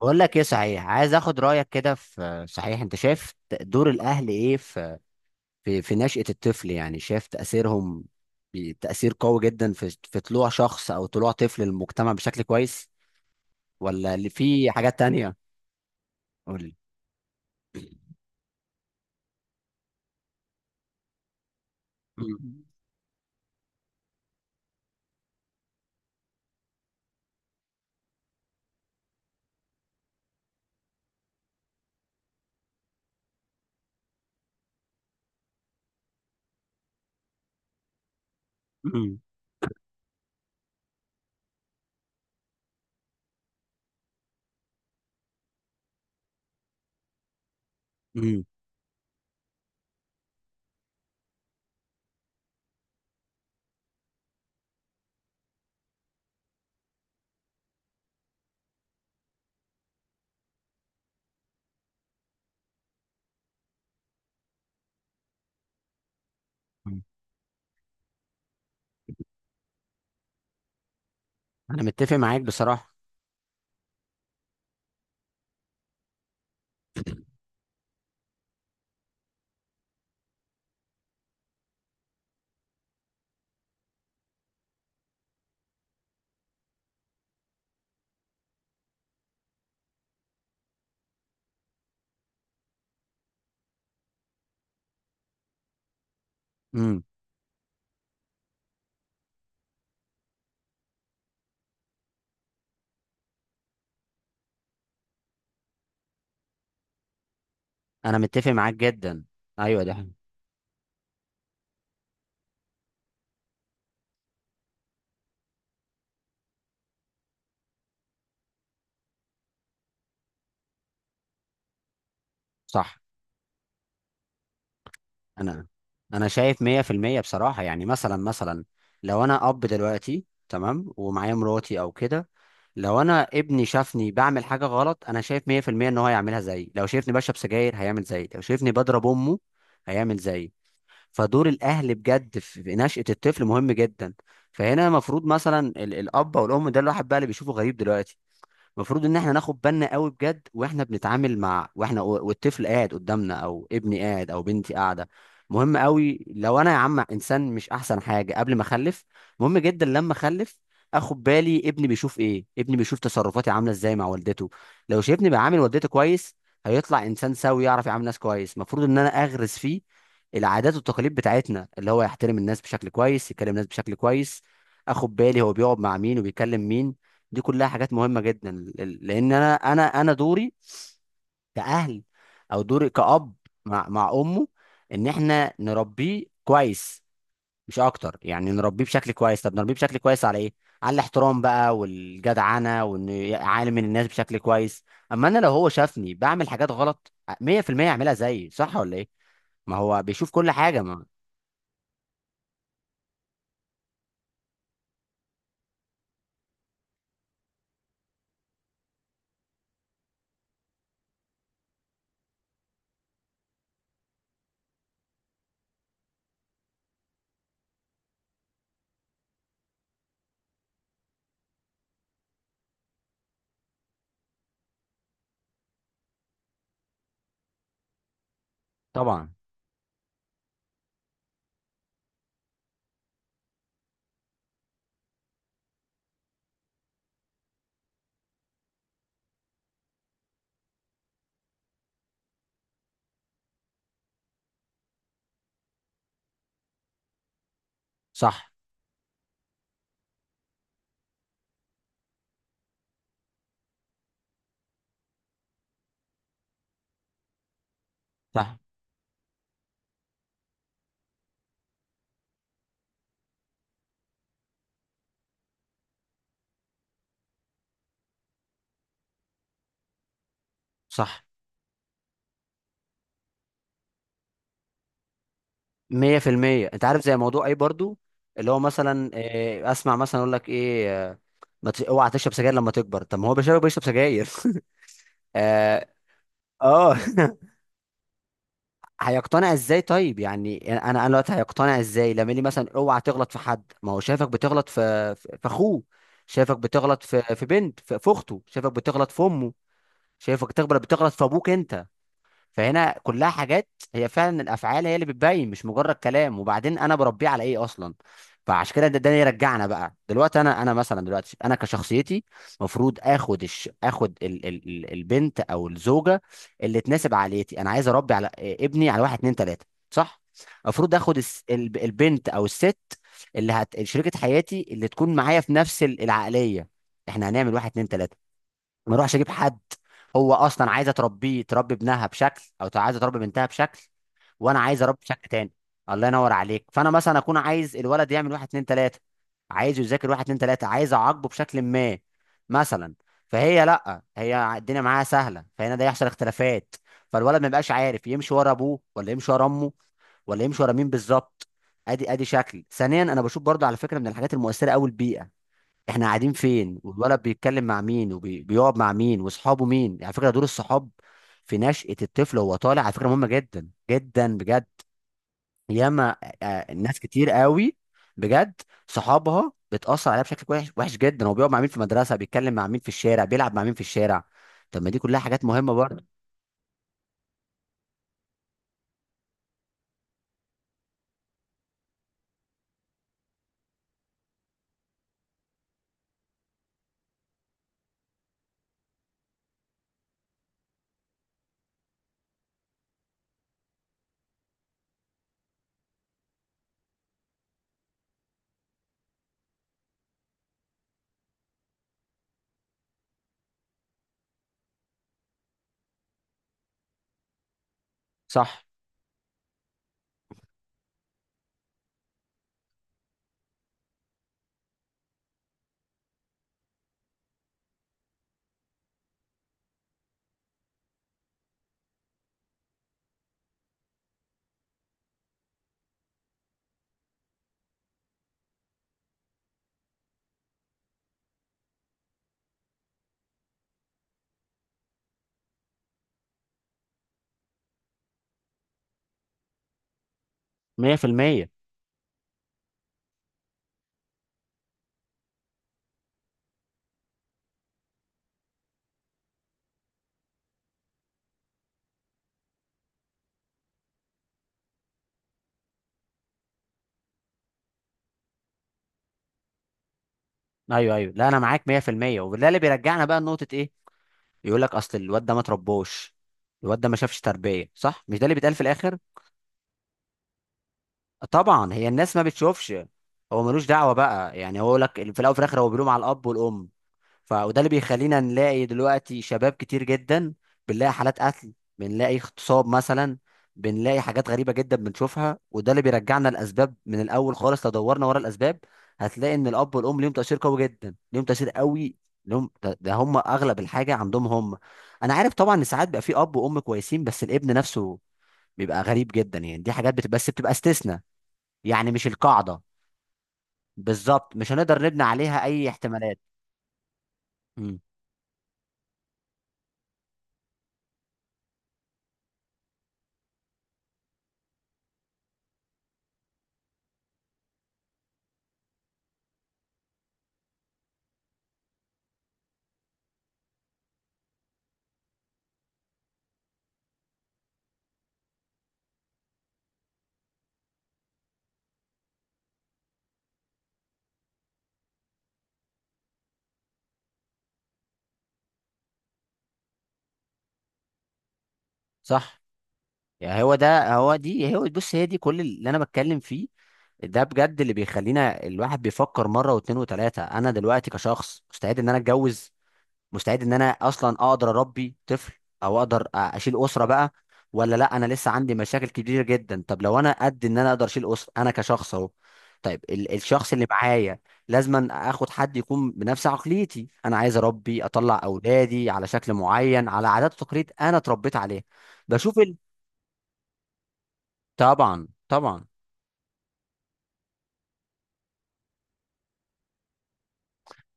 بقول لك ايه؟ صحيح، عايز اخد رايك كده في، صحيح انت شايف دور الاهل ايه في في نشأة الطفل؟ يعني شايف تاثيرهم تاثير قوي جدا في طلوع شخص او طلوع طفل للمجتمع بشكل كويس، ولا اللي في حاجات تانية؟ قول لي. مم. مم. مم. مم. انا متفق معاك بصراحة. مم. انا متفق معاك جدا. ايوه ده صح. انا انا شايف 100% بصراحة. يعني مثلا لو انا اب دلوقتي تمام ومعايا مراتي او كده، لو انا ابني شافني بعمل حاجه غلط، انا شايف 100% ان هو هيعملها زيي. لو شايفني بشرب سجاير هيعمل زيي، لو شايفني بضرب امه هيعمل زيي. فدور الاهل بجد في نشأة الطفل مهم جدا. فهنا المفروض مثلا الاب او الام، ده الواحد بقى اللي بيشوفه غريب دلوقتي، المفروض ان احنا ناخد بالنا قوي بجد واحنا بنتعامل مع، واحنا والطفل قاعد قدامنا او ابني قاعد او بنتي قاعده. مهم قوي لو انا يا عم انسان مش احسن حاجه قبل ما اخلف، مهم جدا لما اخلف اخد بالي ابني بيشوف ايه، ابني بيشوف تصرفاتي عامله ازاي مع والدته. لو شايفني بعامل والدته كويس هيطلع انسان سوي يعرف يعامل ناس كويس. المفروض ان انا اغرس فيه العادات والتقاليد بتاعتنا، اللي هو يحترم الناس بشكل كويس، يكلم الناس بشكل كويس، اخد بالي هو بيقعد مع مين وبيكلم مين. دي كلها حاجات مهمة جدا، لان انا دوري كأهل او دوري كأب مع امه ان احنا نربيه كويس، مش اكتر. يعني نربيه بشكل كويس، طب نربيه بشكل كويس على ايه؟ على الاحترام بقى والجدعنة، وان عالم من الناس بشكل كويس. اما انا لو هو شافني بعمل حاجات غلط 100% يعملها زيي، صح ولا ايه؟ ما هو بيشوف كل حاجة ما. طبعا. صح. صح. صح. مية في المية. انت عارف زي موضوع ايه برضو، اللي هو مثلا إيه، اسمع مثلا اقول لك ايه، ما ت- اوعى تشرب سجاير لما تكبر، طب ما هو بيشرب، بيشرب سجاير. اه. اه هيقتنع ازاي طيب؟ يعني انا، دلوقتي هيقتنع ازاي لما يقول لي مثلا اوعى تغلط في حد، ما هو شايفك بتغلط في في اخوه، شايفك بتغلط في بنت في اخته، شايفك بتغلط في امه، شايفك بتغلط في ابوك انت. فهنا كلها حاجات، هي فعلا الافعال هي اللي بتبين مش مجرد كلام. وبعدين انا بربيه على ايه اصلا؟ فعشان كده ده يرجعنا بقى دلوقتي، انا مثلا دلوقتي انا كشخصيتي المفروض اخد البنت او الزوجه اللي تناسب عائلتي. انا عايز اربي على ابني على واحد اتنين تلاته صح، المفروض البنت او الست اللي شريكه حياتي، اللي تكون معايا في نفس العقليه. احنا هنعمل واحد اتنين تلاته، ما اروحش اجيب حد هو اصلا عايزه تربيه، تربي ابنها بشكل، او عايزه تربي بنتها بشكل، وانا عايز اربي بشكل تاني. الله ينور عليك. فانا مثلا اكون عايز الولد يعمل واحد اتنين تلاته، عايزه يذاكر واحد اتنين تلاته، عايز اعاقبه بشكل ما مثلا، فهي لا، هي الدنيا معاها سهله، فهنا ده يحصل اختلافات. فالولد ما يبقاش عارف يمشي ورا ابوه ولا يمشي ورا امه، ولا يمشي ورا مين بالظبط. ادي ادي شكل. ثانيا، انا بشوف برضو على فكره من الحاجات المؤثره قوي البيئه. احنا قاعدين فين، والولد بيتكلم مع مين وبيقعد مع مين واصحابه مين. على فكره دور الصحاب في نشأة الطفل وهو طالع على فكره مهمه جدا جدا بجد. ياما، آه، ناس كتير قوي بجد صحابها بتأثر عليها بشكل وحش وحش جدا. هو بيقعد مع مين في المدرسه، بيتكلم مع مين في الشارع، بيلعب مع مين في الشارع، طب ما دي كلها حاجات مهمه برضه. صح. 100%. ايوه ايوه، لا انا معاك 100%. وده اللي بيرجعنا بقى لنقطه ايه، يقول لك اصل الواد ده ما تربوش، الواد ده ما شافش تربيه صح، مش ده اللي بيتقال في الاخر؟ طبعا هي الناس ما بتشوفش هو ملوش دعوه بقى يعني، هو لك في الاول وفي الاخر هو بيلوم على الاب والام. ف، وده اللي بيخلينا نلاقي دلوقتي شباب كتير جدا، بنلاقي حالات قتل، بنلاقي اغتصاب مثلا، بنلاقي حاجات غريبه جدا بنشوفها. وده اللي بيرجعنا الاسباب من الاول خالص، لو دورنا ورا الاسباب هتلاقي ان الاب والام ليهم تاثير قوي جدا، ليهم تاثير قوي لهم، ده هم اغلب الحاجه عندهم هم. انا عارف طبعا ان ساعات بيبقى في اب وام كويسين بس الابن نفسه بيبقى غريب جدا، يعني دي حاجات بتبقى، بس بتبقى استثناء، يعني مش القاعدة. بالظبط، مش هنقدر نبني عليها أي احتمالات. امم. صح. يعني هو ده، هو دي، هو بص، هي دي كل اللي أنا بتكلم فيه، ده بجد اللي بيخلينا الواحد بيفكر مرة واتنين وتلاتة. أنا دلوقتي كشخص مستعد إن أنا أتجوز؟ مستعد ان انا اصلا اقدر اربي طفل، او اقدر اشيل اسره بقى، ولا لا انا لسه عندي مشاكل كبيره جدا؟ طب لو انا قد ان انا اقدر اشيل اسره انا كشخص اهو، طيب الشخص اللي معايا لازما اخد حد يكون بنفس عقليتي. انا عايز اربي، اطلع اولادي على شكل معين، على عادات وتقاليد انا اتربيت عليها. بشوف ال... طبعا طبعا.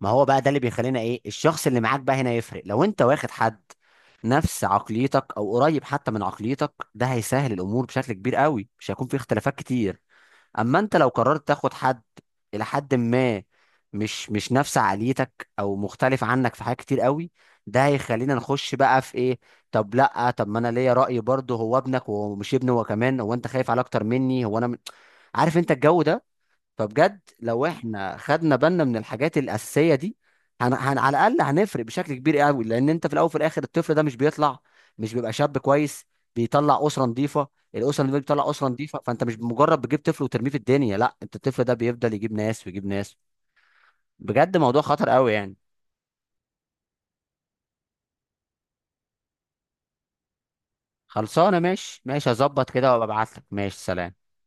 ما هو بقى ده اللي بيخلينا ايه، الشخص اللي معاك بقى هنا يفرق، لو انت واخد حد نفس عقليتك او قريب حتى من عقليتك ده هيسهل الامور بشكل كبير قوي، مش هيكون في اختلافات كتير. اما انت لو قررت تاخد حد الى حد ما مش، مش نفس عقليتك او مختلف عنك في حاجات كتير قوي، ده هيخلينا نخش بقى في ايه، طب لا طب ما انا ليا رأي برضه، هو ابنك وهو مش ابني، هو كمان هو انت خايف عليه اكتر مني، هو عارف انت الجو ده. فبجد لو احنا خدنا بالنا من الحاجات الاساسيه دي على الاقل هنفرق بشكل كبير قوي. لان انت في الاول وفي الاخر الطفل ده مش بيطلع، مش بيبقى شاب كويس، بيطلع اسره نظيفه. الاسره اللي بتطلع اسره نظيفه، فانت مش مجرد بتجيب طفل وترميه في الدنيا، لا، انت الطفل ده بيفضل يجيب ناس ويجيب ناس. بجد موضوع خطر قوي يعني. خلصانه ماشي ماشي، هظبط كده وابعت لك. ماشي، سلام.